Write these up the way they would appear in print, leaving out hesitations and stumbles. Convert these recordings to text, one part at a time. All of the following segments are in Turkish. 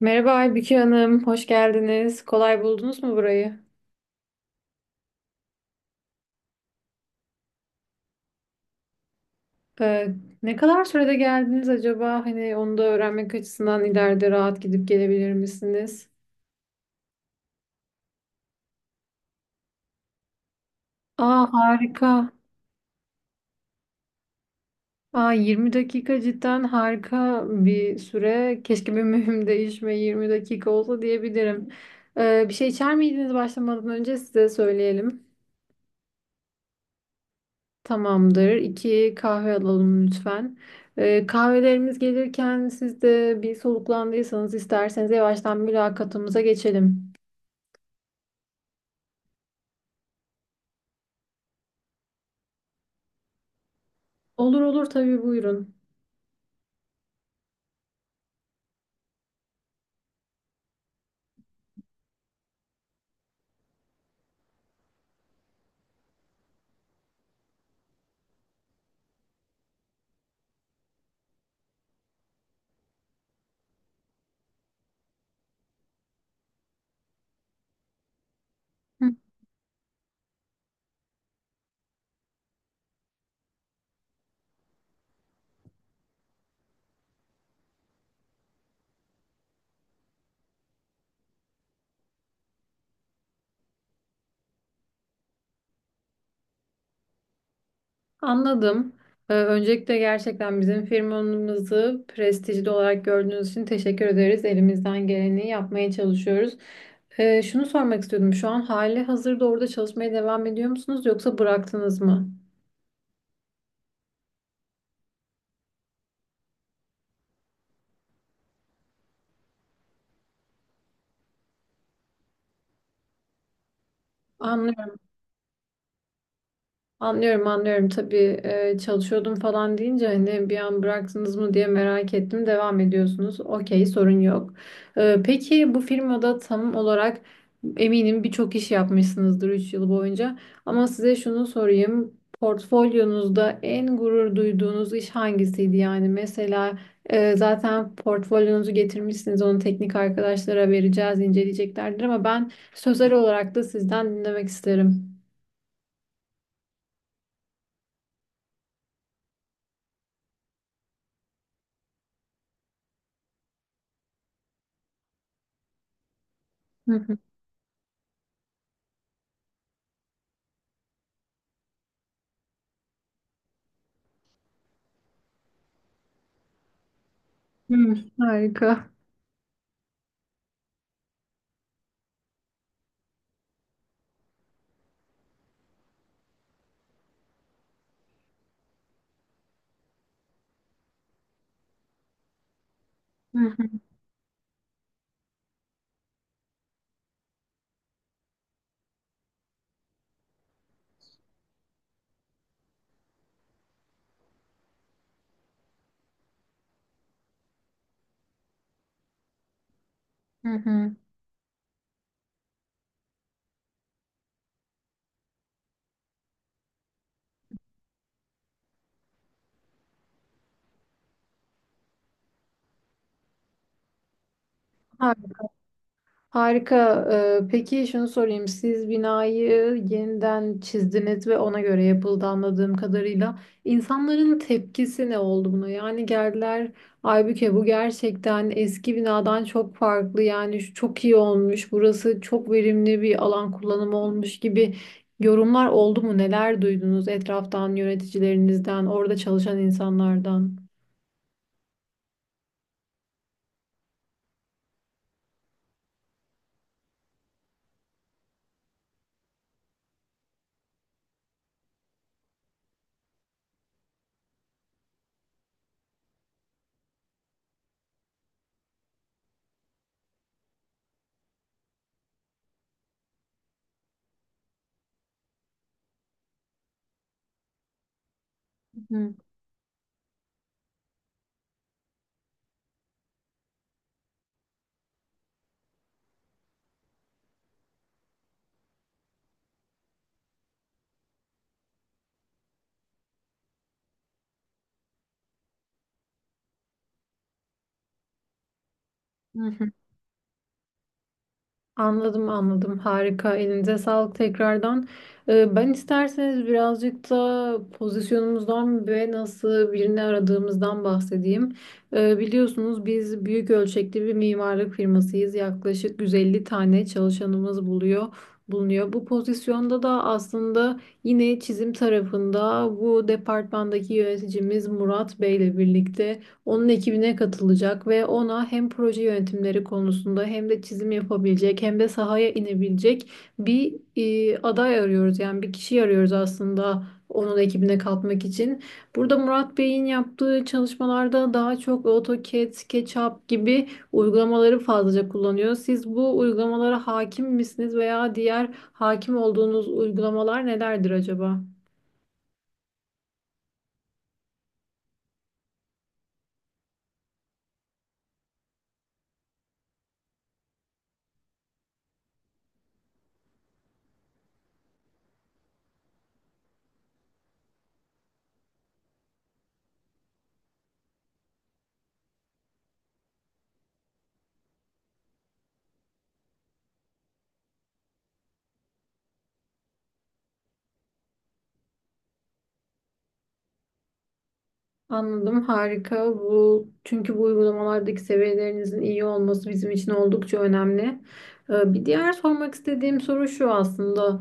Merhaba Aybüke Hanım, hoş geldiniz. Kolay buldunuz mu burayı? Ee, Ne kadar sürede geldiniz acaba? Hani onu da öğrenmek açısından ileride rahat gidip gelebilir misiniz? Aa harika. Aa 20 dakika cidden harika bir süre. Keşke bir mühim değişme 20 dakika olsa diyebilirim. Bir şey içer miydiniz başlamadan önce size söyleyelim. Tamamdır. İki kahve alalım lütfen. Kahvelerimiz gelirken siz de bir soluklandıysanız isterseniz yavaştan mülakatımıza geçelim. Olur olur tabii buyurun. Hı. Anladım. Öncelikle gerçekten bizim firmamızı prestijli olarak gördüğünüz için teşekkür ederiz. Elimizden geleni yapmaya çalışıyoruz. Şunu sormak istiyordum. Şu an hali hazırda orada çalışmaya devam ediyor musunuz yoksa bıraktınız mı? Anlıyorum. Anlıyorum anlıyorum tabii çalışıyordum falan deyince hani bir an bıraktınız mı diye merak ettim devam ediyorsunuz okey sorun yok. Peki bu firmada tam olarak eminim birçok iş yapmışsınızdır 3 yıl boyunca ama size şunu sorayım portfolyonuzda en gurur duyduğunuz iş hangisiydi yani mesela zaten portfolyonuzu getirmişsiniz onu teknik arkadaşlara vereceğiz inceleyeceklerdir ama ben sözel olarak da sizden dinlemek isterim. Hı, harika. Hı hı, hı hı. Har- Harika. Peki şunu sorayım. Siz binayı yeniden çizdiniz ve ona göre yapıldı anladığım kadarıyla. İnsanların tepkisi ne oldu buna? Yani geldiler, Aybüke bu gerçekten eski binadan çok farklı. Yani şu çok iyi olmuş. Burası çok verimli bir alan kullanımı olmuş gibi yorumlar oldu mu? Neler duydunuz etraftan, yöneticilerinizden, orada çalışan insanlardan? Hı hı. Anladım anladım harika elinize sağlık tekrardan. Ben isterseniz birazcık da pozisyonumuzdan ve nasıl birini aradığımızdan bahsedeyim. Biliyorsunuz biz büyük ölçekli bir mimarlık firmasıyız. Yaklaşık 150 tane çalışanımız bulunuyor. Bu pozisyonda da aslında yine çizim tarafında bu departmandaki yöneticimiz Murat Bey ile birlikte onun ekibine katılacak ve ona hem proje yönetimleri konusunda hem de çizim yapabilecek hem de sahaya inebilecek bir aday arıyoruz. Yani bir kişi arıyoruz aslında onun ekibine katmak için. Burada Murat Bey'in yaptığı çalışmalarda daha çok AutoCAD, SketchUp gibi uygulamaları fazlaca kullanıyor. Siz bu uygulamalara hakim misiniz veya diğer hakim olduğunuz uygulamalar nelerdir acaba? Anladım, harika. Bu çünkü bu uygulamalardaki seviyelerinizin iyi olması bizim için oldukça önemli. Bir diğer sormak istediğim soru şu aslında.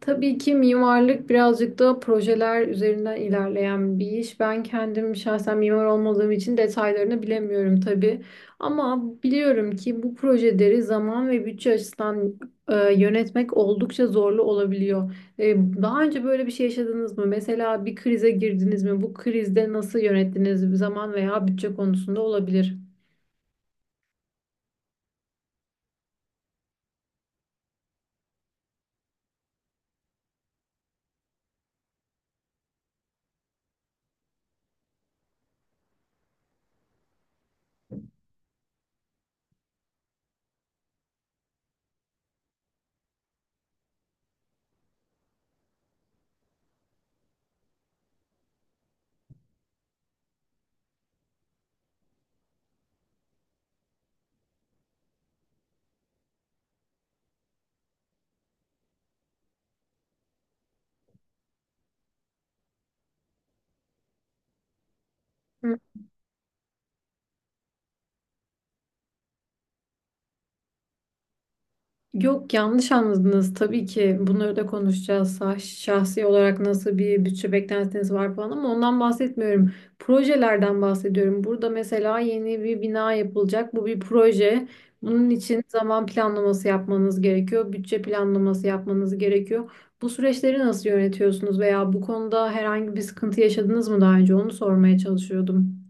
Tabii ki mimarlık birazcık da projeler üzerinden ilerleyen bir iş. Ben kendim şahsen mimar olmadığım için detaylarını bilemiyorum tabii. Ama biliyorum ki bu projeleri zaman ve bütçe açısından yönetmek oldukça zorlu olabiliyor. Daha önce böyle bir şey yaşadınız mı? Mesela bir krize girdiniz mi? Bu krizde nasıl yönettiniz? Zaman veya bütçe konusunda olabilir. Yok yanlış anladınız tabii ki bunları da konuşacağız. Şahsi olarak nasıl bir bütçe beklentiniz var falan ama ondan bahsetmiyorum. Projelerden bahsediyorum. Burada mesela yeni bir bina yapılacak. Bu bir proje. Bunun için zaman planlaması yapmanız gerekiyor. Bütçe planlaması yapmanız gerekiyor. Bu süreçleri nasıl yönetiyorsunuz veya bu konuda herhangi bir sıkıntı yaşadınız mı daha önce? Onu sormaya çalışıyordum.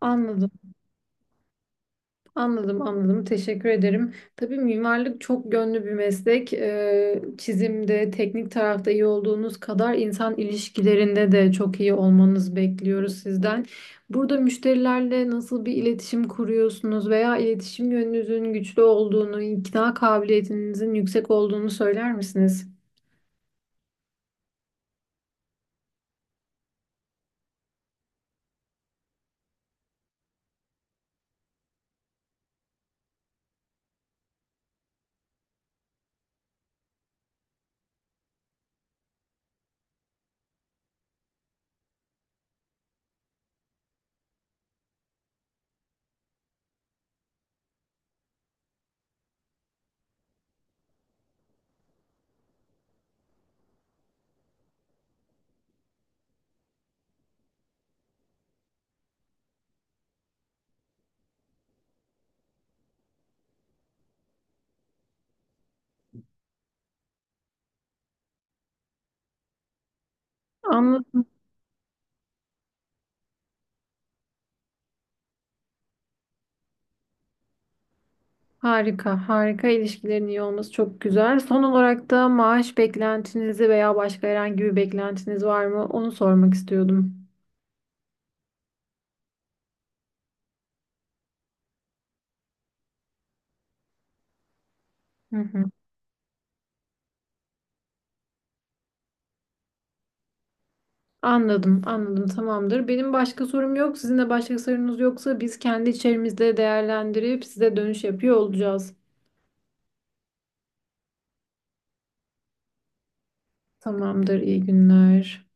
Anladım. Anladım, anladım. Teşekkür ederim. Tabii mimarlık çok gönlü bir meslek. Çizimde, teknik tarafta iyi olduğunuz kadar insan ilişkilerinde de çok iyi olmanızı bekliyoruz sizden. Burada müşterilerle nasıl bir iletişim kuruyorsunuz veya iletişim yönünüzün güçlü olduğunu, ikna kabiliyetinizin yüksek olduğunu söyler misiniz? Anladım. Harika, harika ilişkilerin iyi olması çok güzel. Son olarak da maaş beklentinizi veya başka herhangi bir beklentiniz var mı? Onu sormak istiyordum. Hı hı. Anladım, anladım. Tamamdır. Benim başka sorum yok. Sizin de başka sorunuz yoksa biz kendi içerimizde değerlendirip size dönüş yapıyor olacağız. Tamamdır. İyi günler.